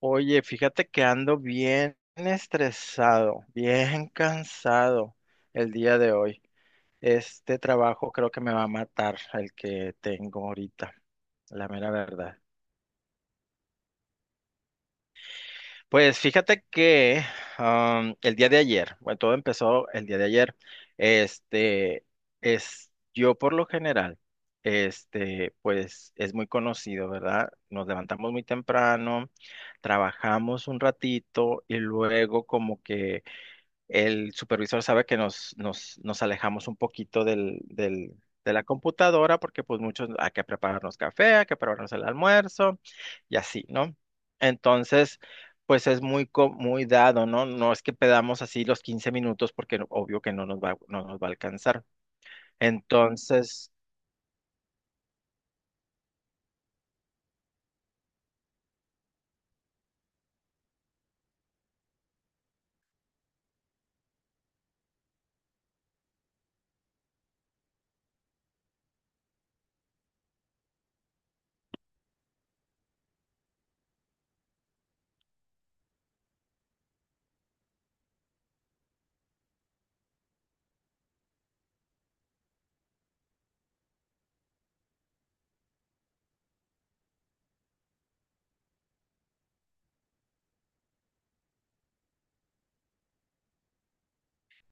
Oye, fíjate que ando bien estresado, bien cansado el día de hoy. Este trabajo creo que me va a matar el que tengo ahorita, la mera verdad. Pues fíjate que el día de ayer, bueno, todo empezó el día de ayer. Este es yo por lo general, pues es muy conocido, ¿verdad? Nos levantamos muy temprano, trabajamos un ratito y luego como que el supervisor sabe que nos alejamos un poquito del de la computadora porque pues muchos hay que prepararnos café, hay que prepararnos el almuerzo y así, ¿no? Entonces, pues es muy, muy dado, ¿no? No es que pedamos así los 15 minutos porque obvio que no nos va a alcanzar. Entonces,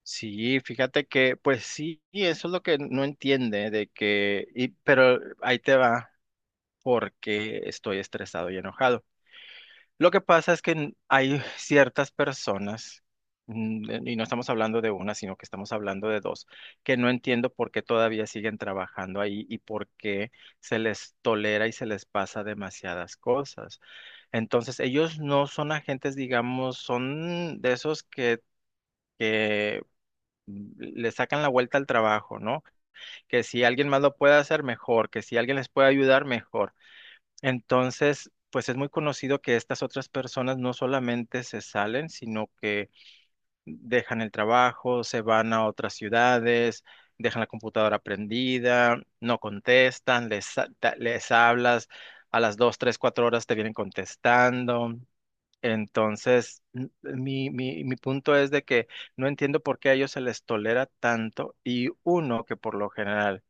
sí, fíjate que, pues sí, y eso es lo que no entiende de que, pero ahí te va porque estoy estresado y enojado. Lo que pasa es que hay ciertas personas, y no estamos hablando de una, sino que estamos hablando de dos, que no entiendo por qué todavía siguen trabajando ahí y por qué se les tolera y se les pasa demasiadas cosas. Entonces, ellos no son agentes, digamos, son de esos que le sacan la vuelta al trabajo, ¿no? Que si alguien más lo puede hacer, mejor, que si alguien les puede ayudar, mejor. Entonces, pues es muy conocido que estas otras personas no solamente se salen, sino que dejan el trabajo, se van a otras ciudades, dejan la computadora prendida, no contestan, les hablas, a las dos, tres, cuatro horas te vienen contestando. Entonces, mi punto es de que no entiendo por qué a ellos se les tolera tanto y uno que por lo general.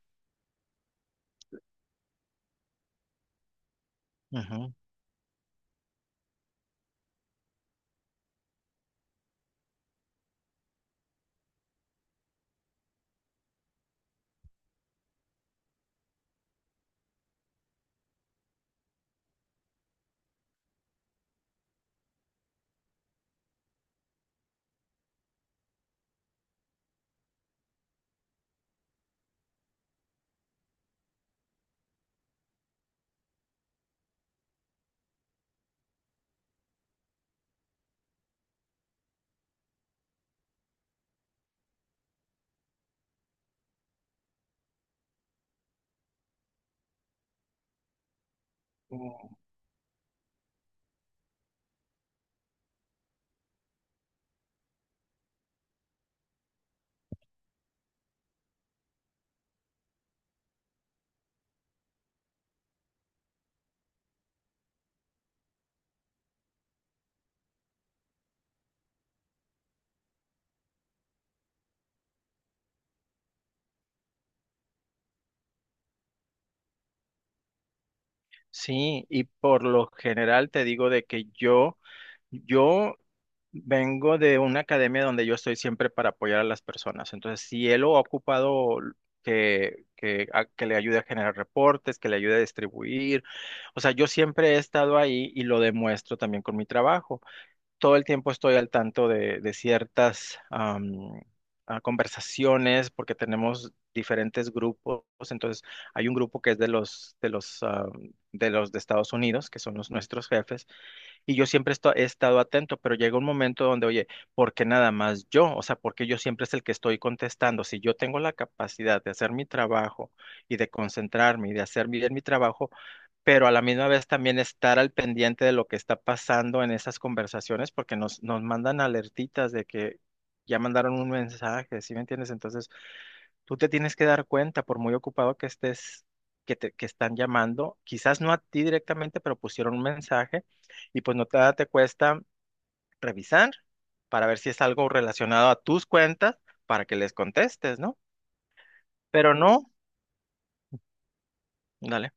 Ujú. Sí, y por lo general te digo de que yo vengo de una academia donde yo estoy siempre para apoyar a las personas. Entonces, si él lo ha ocupado que le ayude a generar reportes, que le ayude a distribuir, o sea, yo siempre he estado ahí y lo demuestro también con mi trabajo. Todo el tiempo estoy al tanto de ciertas conversaciones porque tenemos diferentes grupos. Entonces, hay un grupo que es de de los de Estados Unidos, que son los nuestros jefes, y yo siempre he estado atento, pero llega un momento donde, oye, ¿por qué nada más yo? O sea, ¿por qué yo siempre es el que estoy contestando? Si yo tengo la capacidad de hacer mi trabajo y de concentrarme y de hacer bien mi trabajo, pero a la misma vez también estar al pendiente de lo que está pasando en esas conversaciones, porque nos mandan alertitas de que ya mandaron un mensaje, ¿sí me entiendes? Entonces, tú te tienes que dar cuenta, por muy ocupado que estés, que están llamando, quizás no a ti directamente, pero pusieron un mensaje y pues no te, te cuesta revisar para ver si es algo relacionado a tus cuentas para que les contestes, ¿no? Pero no, dale,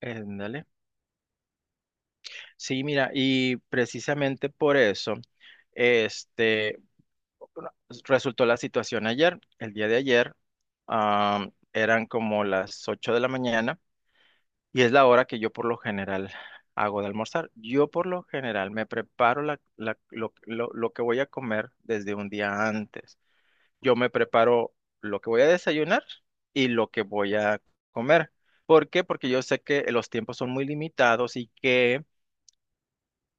dale. Sí, mira, y precisamente por eso, este, bueno, resultó la situación ayer, el día de ayer, eran como las 8 de la mañana y es la hora que yo por lo general hago de almorzar. Yo por lo general me preparo lo que voy a comer desde un día antes. Yo me preparo lo que voy a desayunar y lo que voy a comer. ¿Por qué? Porque yo sé que los tiempos son muy limitados y que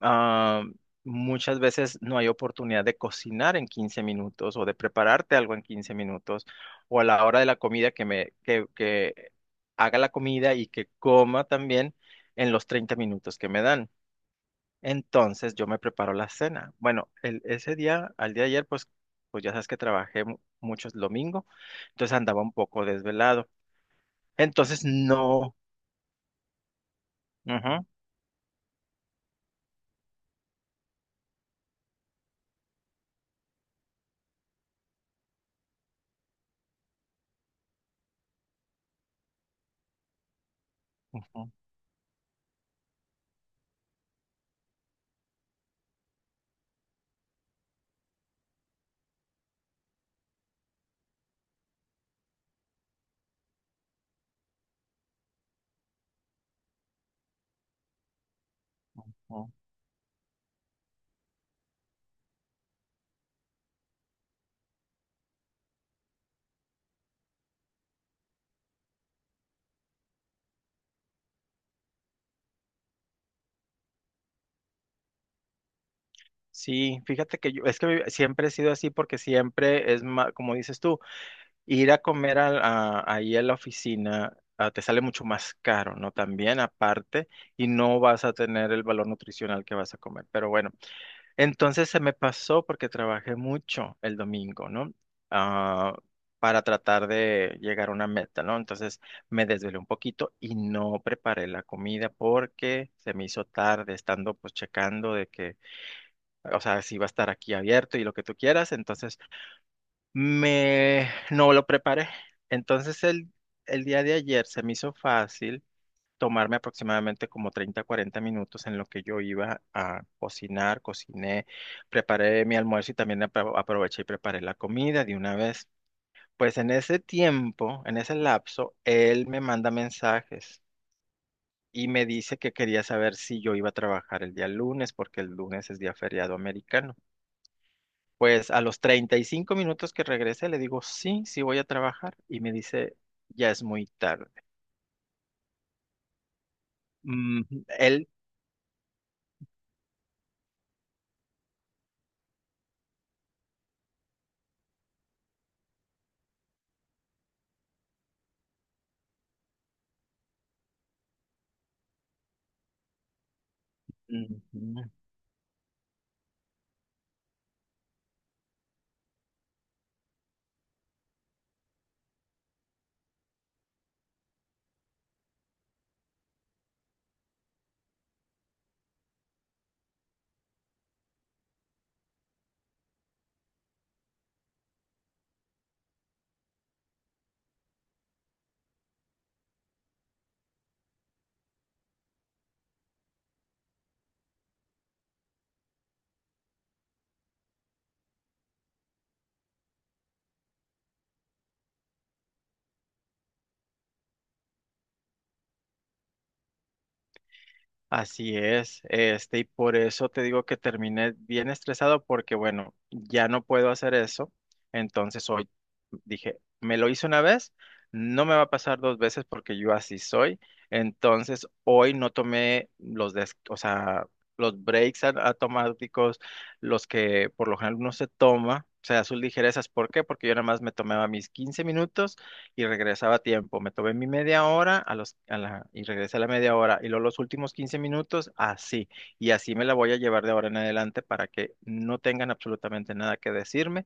Ah, muchas veces no hay oportunidad de cocinar en 15 minutos o de prepararte algo en 15 minutos o a la hora de la comida que haga la comida y que coma también en los 30 minutos que me dan. Entonces yo me preparo la cena. Bueno, ese día, al día de ayer, pues, pues ya sabes que trabajé mucho el domingo, entonces andaba un poco desvelado. Entonces no. Ujú, ujú, ujú. Sí, fíjate que yo, es que siempre he sido así porque siempre es más, como dices tú, ir a comer ahí a la oficina te sale mucho más caro, ¿no? También aparte, y no vas a tener el valor nutricional que vas a comer. Pero bueno, entonces se me pasó porque trabajé mucho el domingo, ¿no? Ah, para tratar de llegar a una meta, ¿no? Entonces me desvelé un poquito y no preparé la comida porque se me hizo tarde estando pues checando de que, o sea, si va a estar aquí abierto y lo que tú quieras, entonces me no lo preparé. Entonces el día de ayer se me hizo fácil tomarme aproximadamente como 30, 40 minutos en lo que yo iba a cocinar, cociné, preparé mi almuerzo y también aproveché y preparé la comida de una vez. Pues en ese tiempo, en ese lapso, él me manda mensajes y me dice que quería saber si yo iba a trabajar el día lunes, porque el lunes es día feriado americano. Pues a los 35 minutos que regresé le digo, sí, sí voy a trabajar y me dice, ya es muy tarde. Mm, él, ujú. Así es, este, y por eso te digo que terminé bien estresado porque, bueno, ya no puedo hacer eso. Entonces hoy dije, me lo hice una vez, no me va a pasar dos veces porque yo así soy. Entonces hoy no tomé los o sea, los breaks automáticos, los que por lo general uno se toma, o sea, sus ligerezas. ¿Por qué? Porque yo nada más me tomaba mis 15 minutos y regresaba a tiempo. Me tomé mi media hora a los, a la- y regresé a la media hora. Y luego los últimos 15 minutos, así. Y así me la voy a llevar de ahora en adelante para que no tengan absolutamente nada que decirme.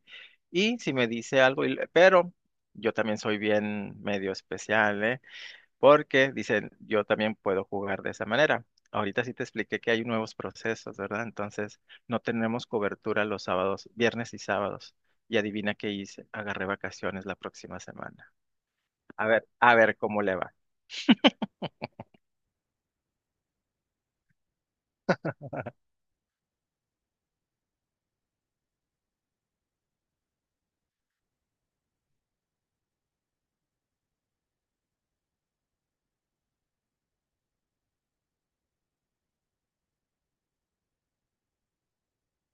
Y si me dice algo, pero yo también soy bien medio especial, ¿eh? Porque dicen, yo también puedo jugar de esa manera. Ahorita sí te expliqué que hay nuevos procesos, ¿verdad? Entonces, no tenemos cobertura los sábados, viernes y sábados. Y adivina qué hice, agarré vacaciones la próxima semana. A ver cómo le va.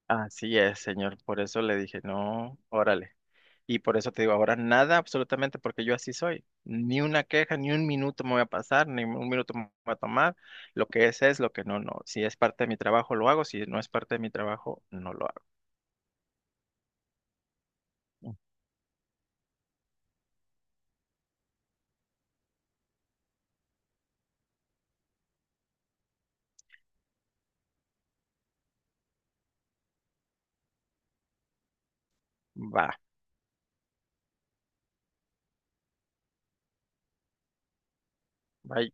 Así es, señor. Por eso le dije, no, órale. Y por eso te digo, ahora nada, absolutamente, porque yo así soy. Ni una queja, ni un minuto me voy a pasar, ni un minuto me voy a tomar. Lo que es, lo que no, no. Si es parte de mi trabajo, lo hago. Si no es parte de mi trabajo, no lo hago. Va, bye.